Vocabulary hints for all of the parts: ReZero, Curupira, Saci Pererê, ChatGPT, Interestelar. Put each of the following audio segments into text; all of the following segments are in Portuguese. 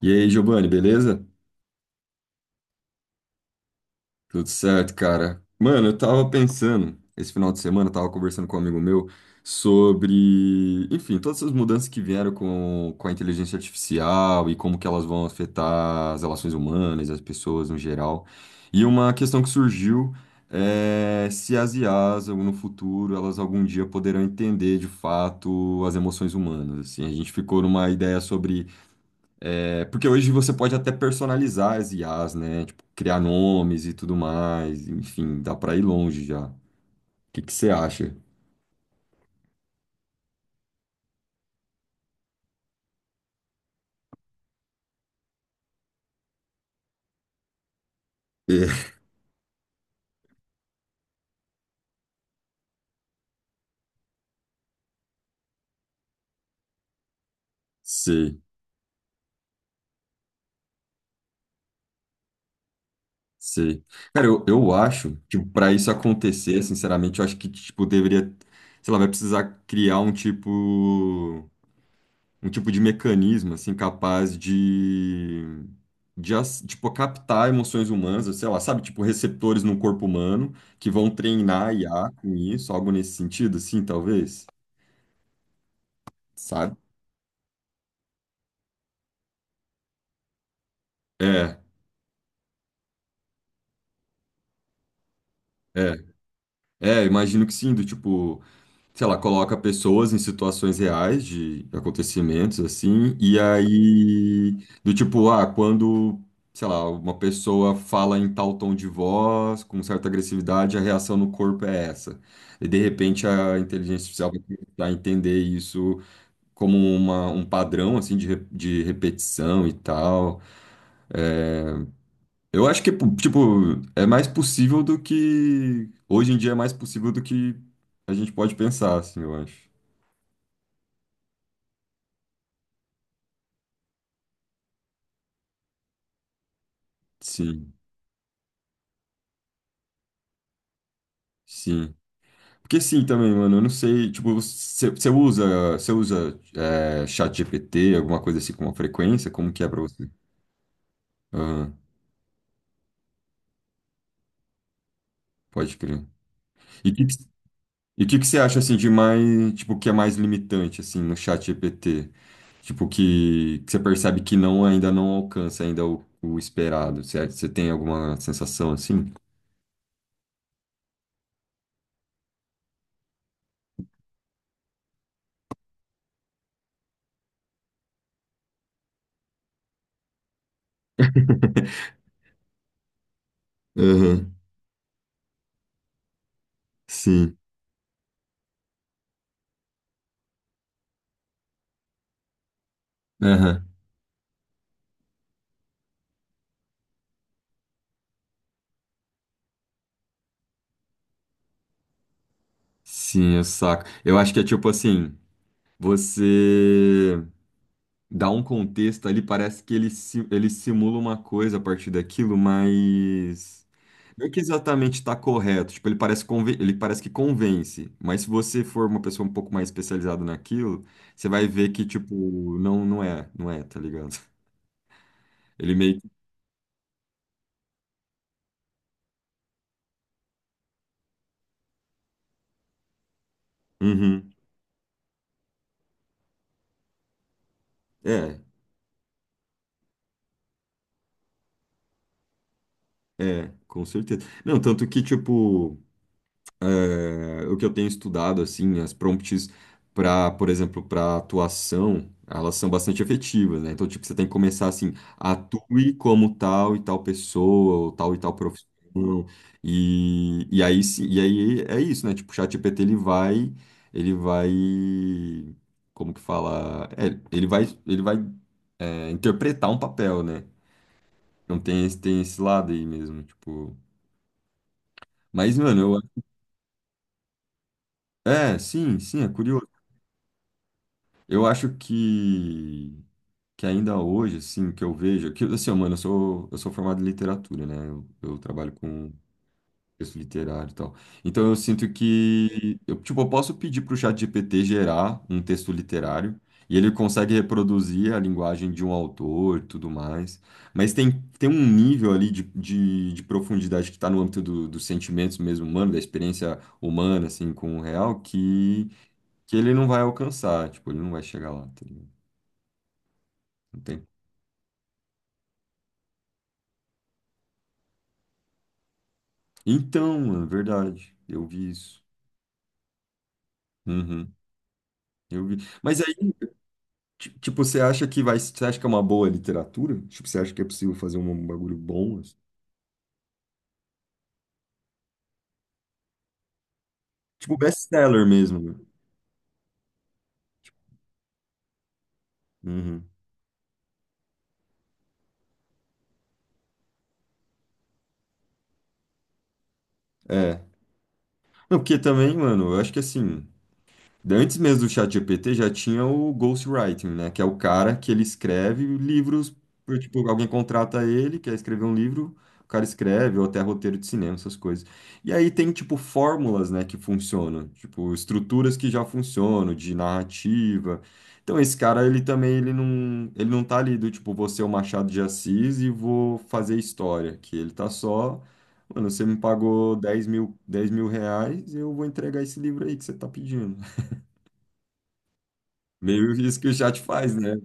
E aí, Giovanni, beleza? Tudo certo, cara. Mano, eu tava pensando, esse final de semana, eu tava conversando com um amigo meu sobre, enfim, todas essas mudanças que vieram com a inteligência artificial e como que elas vão afetar as relações humanas, as pessoas no geral. E uma questão que surgiu é se as IAs, no futuro, elas algum dia poderão entender de fato as emoções humanas, assim. A gente ficou numa ideia sobre. Porque hoje você pode até personalizar as IAs, né? Tipo, criar nomes e tudo mais. Enfim, dá pra ir longe já. O que que você acha? É, sei, sei. Cara, eu acho que para isso acontecer, sinceramente, eu acho que, tipo, deveria. Sei lá, vai precisar criar um tipo, um tipo de mecanismo assim capaz de tipo captar emoções humanas, sei lá, sabe, tipo receptores no corpo humano que vão treinar a IA com isso, algo nesse sentido, assim, talvez, sabe? É, é, imagino que sim, do tipo sei lá, coloca pessoas em situações reais de acontecimentos assim, e aí do tipo, ah, quando, sei lá, uma pessoa fala em tal tom de voz, com certa agressividade, a reação no corpo é essa. E de repente a inteligência artificial vai tentar entender isso como um padrão assim de repetição e tal. É, eu acho que, tipo, é mais possível do que. Hoje em dia é mais possível do que a gente pode pensar, assim, eu acho. Sim. Sim. Porque sim também, mano, eu não sei, tipo, você usa ChatGPT, alguma coisa assim com uma frequência, como que é pra você? Aham, pode crer. E e o que que você acha, assim, de mais, tipo, que é mais limitante, assim, no ChatGPT? Tipo, que você percebe que não, ainda não alcança ainda o esperado, certo? Você tem alguma sensação assim? Aham, sim. Aham, sim, eu saco. Eu acho que é tipo assim, você. Dá um contexto ali, parece que ele simula uma coisa a partir daquilo, mas não é que exatamente está correto. Tipo, ele parece que convence, mas se você for uma pessoa um pouco mais especializada naquilo, você vai ver que, tipo, não, não é, não é, tá ligado? Ele meio que. Uhum. É, com certeza. Não, tanto que, tipo. O que eu tenho estudado, assim, as prompts para, por exemplo, para atuação, elas são bastante efetivas, né? Então, tipo, você tem que começar assim, atue como tal e tal pessoa, ou tal e tal profissão, e aí é isso, né? Tipo, o ChatGPT, ele vai, como que fala? Ele vai interpretar um papel, né? Não tem, tem esse lado aí mesmo, tipo. Mas, mano, eu. É, sim, sim, é curioso. Eu acho que ainda hoje, assim, que eu vejo, que, assim, ó, mano, eu sou formado em literatura, né? Eu trabalho com texto literário e tal. Então eu sinto que, eu, tipo, eu posso pedir pro ChatGPT gerar um texto literário e ele consegue reproduzir a linguagem de um autor e tudo mais. Mas tem um nível ali de profundidade que está no âmbito dos sentimentos mesmo humano, da experiência humana, assim, com o real, que ele não vai alcançar, tipo, ele não vai chegar lá, tá ligado? Entendi. Então, é verdade. Eu vi isso. Uhum, eu vi. Mas aí, tipo, você acha que vai, você acha que é uma boa literatura? Tipo, você acha que é possível fazer um bagulho bom, assim? Tipo, best-seller mesmo, né? Uhum. É. Não, porque também, mano, eu acho que assim. Antes mesmo do ChatGPT já tinha o ghostwriting, né? Que é o cara que ele escreve livros, tipo, alguém contrata ele, quer escrever um livro, o cara escreve, ou até roteiro de cinema, essas coisas. E aí tem, tipo, fórmulas, né, que funcionam, tipo, estruturas que já funcionam, de narrativa. Então esse cara, ele também, ele não tá ali do tipo, vou ser o Machado de Assis e vou fazer história, que ele tá só. Mano, você me pagou 10 mil, 10 mil reais, eu vou entregar esse livro aí que você tá pedindo. Meio isso que o chat faz, né?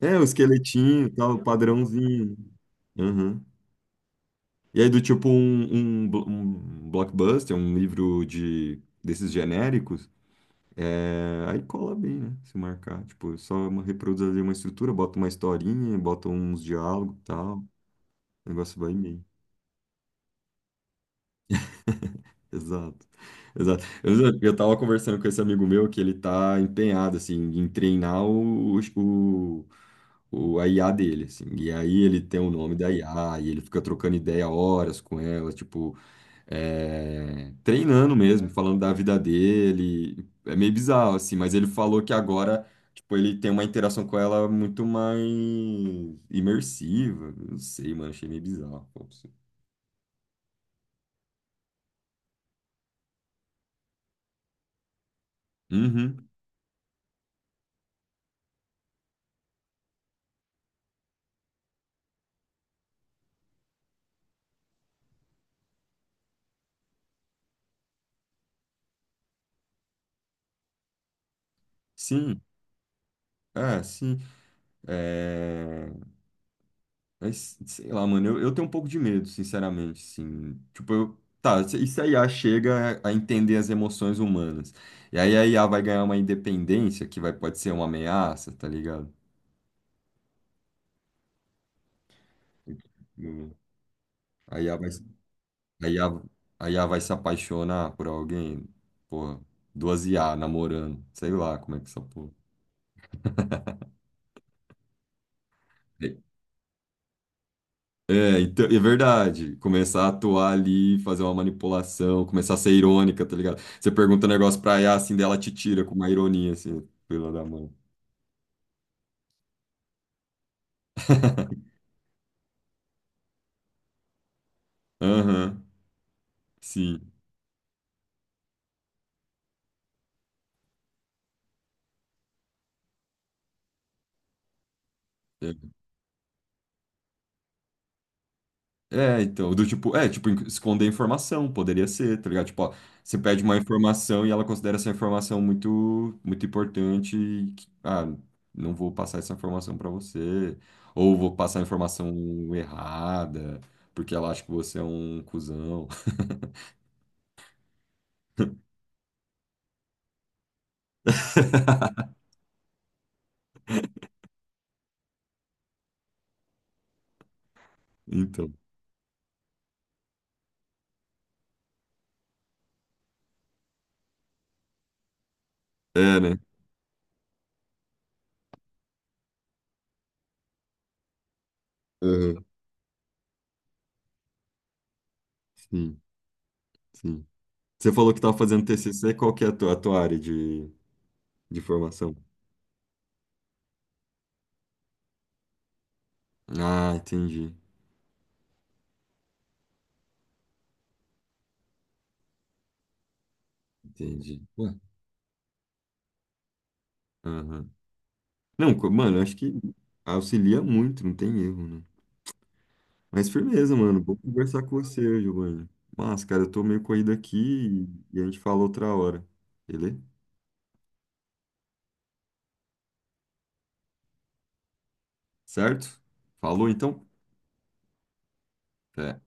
É, é o esqueletinho, e tal, padrãozinho. Uhum. E aí, do tipo um blockbuster, um livro de desses genéricos, aí cola bem, né? Se marcar. Tipo, só reproduz ali uma estrutura, bota uma historinha, bota uns diálogos e tal. O negócio vai bem. Exato. Exato. Eu tava conversando com esse amigo meu que ele tá empenhado, assim, em treinar a IA dele, assim. E aí ele tem o nome da IA, e ele fica trocando ideia horas com ela, tipo, treinando mesmo, falando da vida dele. É meio bizarro, assim, mas ele falou que agora, tipo, ele tem uma interação com ela muito mais imersiva. Não sei, mano, achei meio bizarro. Pô, assim. Uhum, sim. É, sim. É, Mas sei lá, mano, eu tenho um pouco de medo, sinceramente, assim. Tipo, tá, e se a IA chega a entender as emoções humanas? E aí a I a vai ganhar uma independência pode ser uma ameaça, tá ligado? Tipo, a IA vai, a IA, a IA vai se apaixonar por alguém, porra, duas I a namorando, sei lá como é que essa porra. É, então, é verdade. Começar a atuar ali, fazer uma manipulação, começar a ser irônica, tá ligado? Você pergunta um negócio pra Yas, assim, dela te tira com uma ironia, assim, pela da mão. Aham, sim. É, então, do tipo, tipo, esconder informação, poderia ser, tá ligado? Tipo, ó, você pede uma informação e ela considera essa informação muito, muito importante e, que, ah, não vou passar essa informação pra você, ou vou passar a informação errada, porque ela acha que você é um cuzão. Então, é, né? Aham, sim, sim. Você falou que estava fazendo TCC, qual que é a tua área de formação? Ah, entendi, entendi. Ué. Aham. Não, mano, eu acho que auxilia muito, não tem erro, né? Mas firmeza, mano, vou conversar com você, Giovanni. Mas, cara, eu tô meio corrido aqui e a gente fala outra hora, beleza? Certo? Falou, então? Até.